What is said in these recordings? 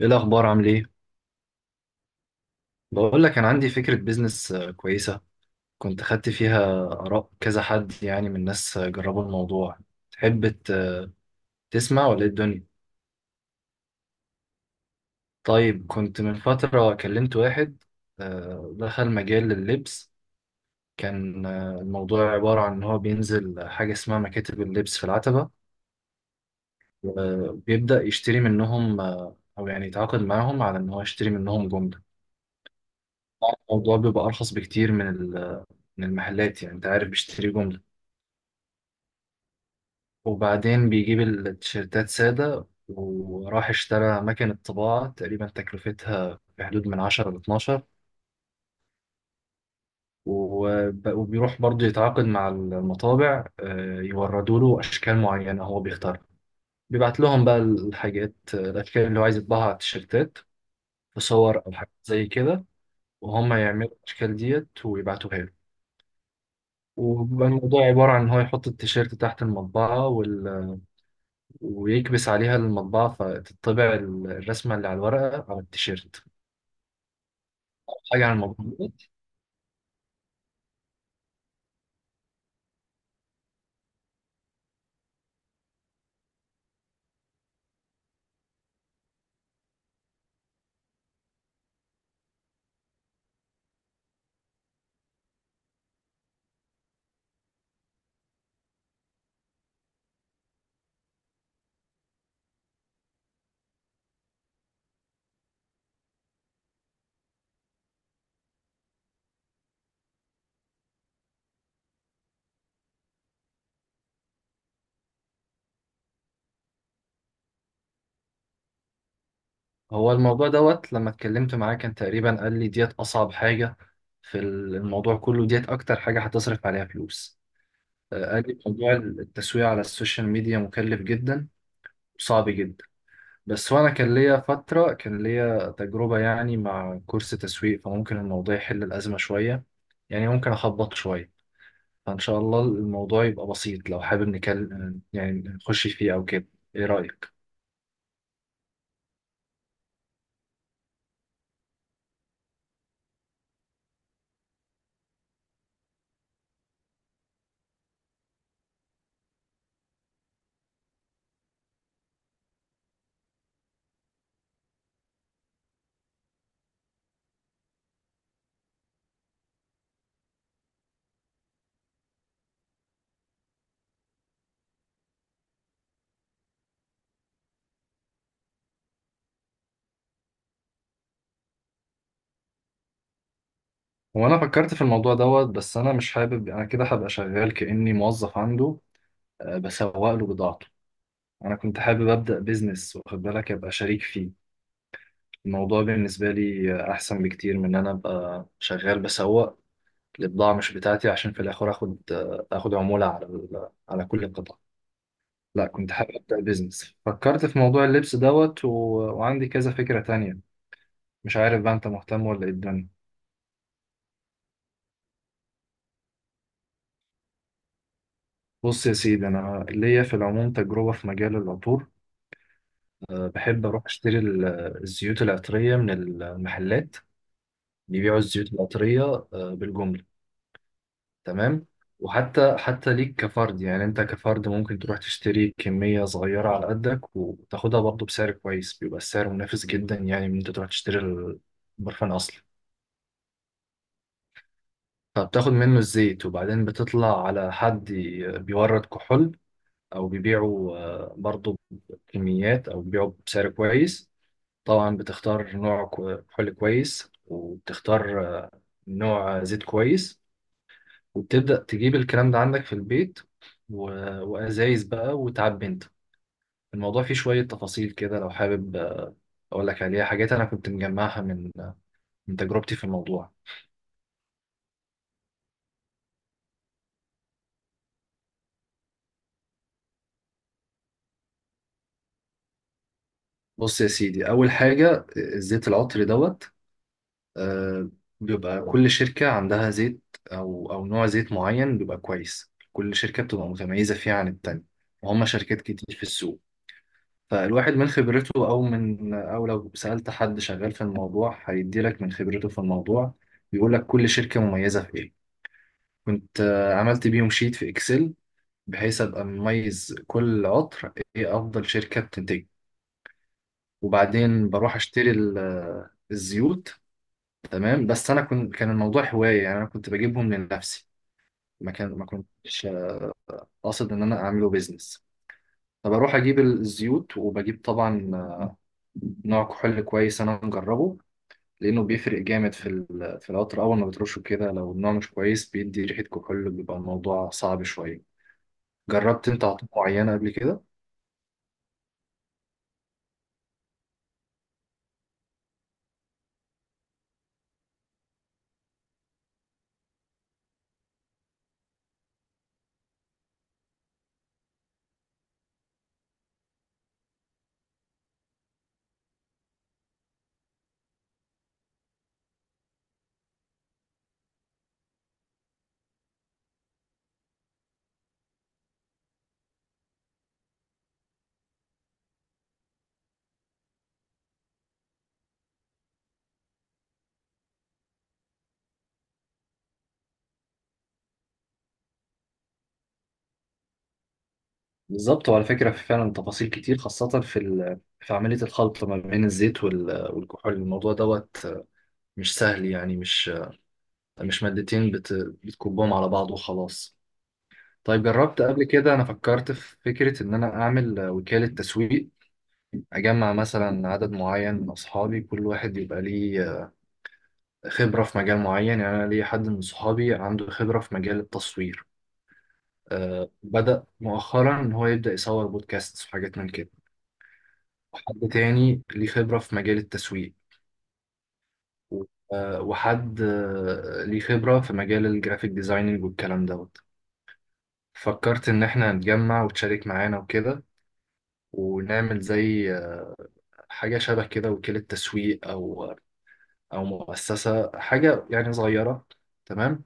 ايه الاخبار عامل ايه؟ بقول لك انا عندي فكره بيزنس كويسه. كنت خدت فيها اراء كذا حد، يعني من ناس جربوا الموضوع. تحب تسمع ولا إيه الدنيا؟ طيب، كنت من فتره كلمت واحد دخل مجال اللبس. كان الموضوع عباره عن ان هو بينزل حاجه اسمها مكاتب اللبس في العتبه، وبيبدا يشتري منهم او يعني يتعاقد معاهم على ان هو يشتري منهم جمله. الموضوع بيبقى ارخص بكتير من من المحلات، يعني انت عارف بيشتري جمله. وبعدين بيجيب التيشيرتات سادة، وراح اشترى مكنة طباعة تقريبا تكلفتها في حدود من 10 ل 12. وبيروح برضه يتعاقد مع المطابع يوردوا له أشكال معينة هو بيختارها. بيبعت لهم بقى الحاجات الأشكال اللي هو عايز يطبعها على التيشيرتات، في صور أو حاجات زي كده. وهم يعملوا الأشكال ديت ويبعتوها له. وبيبقى الموضوع عبارة عن إن هو يحط التيشيرت تحت المطبعة وال، ويكبس عليها المطبعة فتطبع الرسمة اللي على الورقة على التيشيرت. حاجة عن الموضوع دوت. هو الموضوع دوت لما اتكلمت معاه كان تقريبا قال لي ديت أصعب حاجة في الموضوع كله، ديت أكتر حاجة هتصرف عليها فلوس. قال لي موضوع التسويق على السوشيال ميديا مكلف جدا وصعب جدا. بس وأنا كان ليا فترة، كان ليا تجربة يعني مع كورس تسويق، فممكن الموضوع يحل الأزمة شوية، يعني ممكن أخبط شوية. فإن شاء الله الموضوع يبقى بسيط. لو حابب نكلم يعني نخش فيه أو كده. إيه رأيك؟ هو أنا فكرت في الموضوع دوت، بس أنا مش حابب. أنا كده هبقى شغال كأني موظف عنده، بسوق له بضاعته. أنا كنت حابب أبدأ بيزنس، واخد بالك، أبقى شريك فيه. الموضوع بالنسبة لي أحسن بكتير من إن أنا أبقى شغال بسوق لبضاعة مش بتاعتي، عشان في الآخر آخد آخد عمولة على على كل قطعة. لا، كنت حابب أبدأ بيزنس. فكرت في موضوع اللبس دوت وعندي كذا فكرة تانية. مش عارف بقى انت مهتم ولا ايه الدنيا. بص يا سيدي، انا ليا في العموم تجربه في مجال العطور. بحب اروح اشتري الزيوت العطريه من المحلات اللي بيبيعوا الزيوت العطريه بالجمله. تمام. وحتى ليك كفرد، يعني انت كفرد ممكن تروح تشتري كميه صغيره على قدك وتاخدها برضه بسعر كويس، بيبقى السعر منافس جدا يعني من انت تروح تشتري البرفان اصلا. فبتاخد منه الزيت، وبعدين بتطلع على حد بيورد كحول او بيبيعوا برضو بكميات او بيبيعوا بسعر كويس. طبعا بتختار نوع حلي كويس، وبتختار نوع زيت كويس، وبتبدأ تجيب الكلام ده عندك في البيت و- وأزايز بقى وتعبي انت. الموضوع فيه شوية تفاصيل كده، لو حابب أقول لك عليها حاجات أنا كنت مجمعها من من تجربتي في الموضوع. بص يا سيدي، أول حاجة الزيت العطري دوت، آه، بيبقى كل شركة عندها زيت أو نوع زيت معين بيبقى كويس، كل شركة بتبقى متميزة فيه عن التانية. وهم شركات كتير في السوق. فالواحد من خبرته، أو من، أو لو سألت حد شغال في الموضوع هيديلك من خبرته في الموضوع، بيقولك كل شركة مميزة في إيه. كنت عملت بيهم شيت في إكسل، بحيث أبقى مميز كل عطر إيه أفضل شركة بتنتج. وبعدين بروح أشتري الزيوت. تمام. بس انا كنت، كان الموضوع هوايه، يعني انا كنت بجيبهم لنفسي. ما كنتش قاصد ان انا اعمله بيزنس. فبروح اجيب الزيوت وبجيب طبعا نوع كحول كويس انا مجربه، لانه بيفرق جامد في في العطر اول ما بترشه كده. لو النوع مش كويس بيدي ريحه كحول، بيبقى الموضوع صعب شويه. جربت انت عطور معينه قبل كده؟ بالظبط، وعلى فكره في فعلا تفاصيل كتير، خاصه في في عمليه الخلط ما بين الزيت والكحول. الموضوع دوت مش سهل، يعني مش مش بتكبهم على بعض وخلاص. طيب جربت قبل كده؟ انا فكرت في فكرة ان انا اعمل وكالة تسويق، اجمع مثلا عدد معين من اصحابي، كل واحد يبقى ليه خبرة في مجال معين. يعني انا ليا حد من صحابي عنده خبرة في مجال التصوير، بدأ مؤخرا ان هو يبدأ يصور بودكاست وحاجات من كده. وحد تاني ليه خبرة في مجال التسويق، و- وحد ليه خبرة في مجال الجرافيك ديزايننج والكلام دوت. فكرت إن إحنا نتجمع وتشارك معانا وكده، ونعمل زي حاجة شبه كده، وكيلة تسويق أو مؤسسة، حاجة يعني صغيرة. تمام.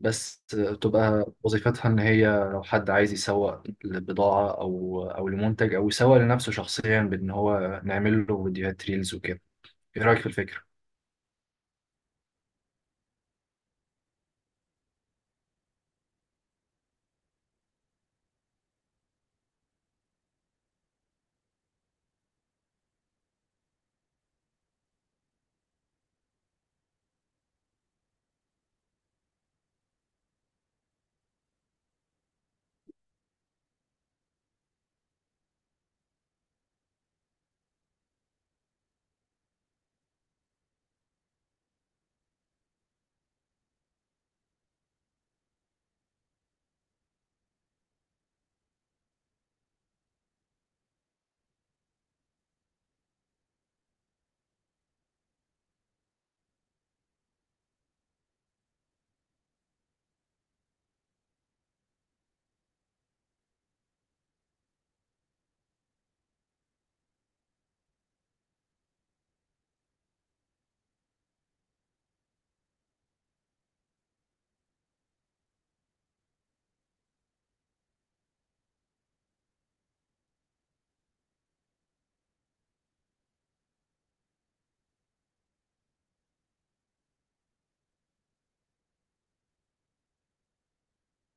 بس تبقى وظيفتها إن هي لو حد عايز يسوق لبضاعة أو لمنتج، أو يسوق لنفسه شخصيا، بإن هو نعمل له فيديوهات ريلز وكده. إيه رأيك في الفكرة؟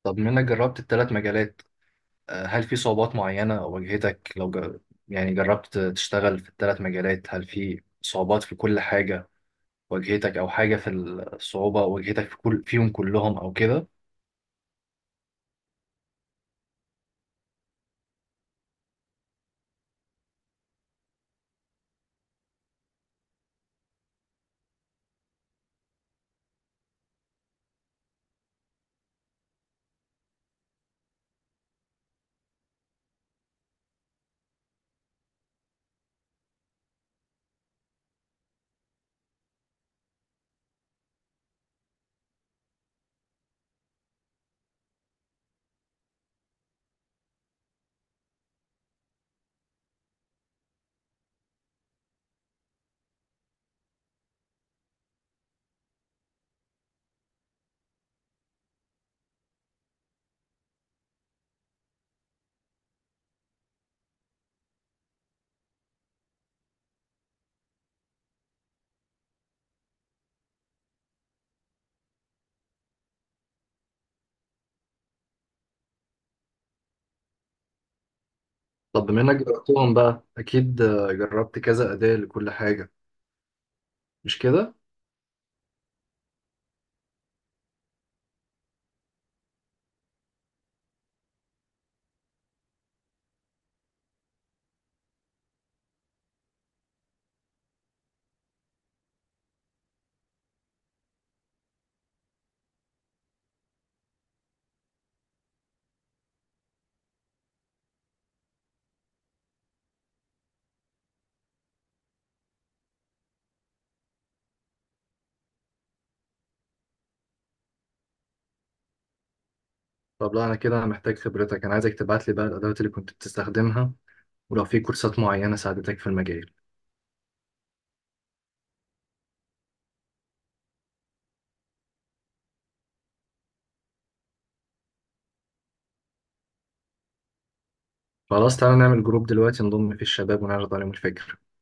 طب منك جربت الثلاث مجالات، هل في صعوبات معينة واجهتك؟ لو يعني جربت تشتغل في الثلاث مجالات، هل في صعوبات في كل حاجة واجهتك، او حاجه في الصعوبه او واجهتك في كل فيهم كلهم او كده؟ طب بما انك جربتهم بقى، اكيد جربت كذا اداة لكل حاجة، مش كده؟ طب لا، انا كده انا محتاج خبرتك. انا عايزك تبعت لي بقى الادوات اللي كنت بتستخدمها، ولو في كورسات معينة ساعدتك في المجال. خلاص، تعالى نعمل جروب دلوقتي نضم فيه الشباب ونعرض عليهم الفكرة.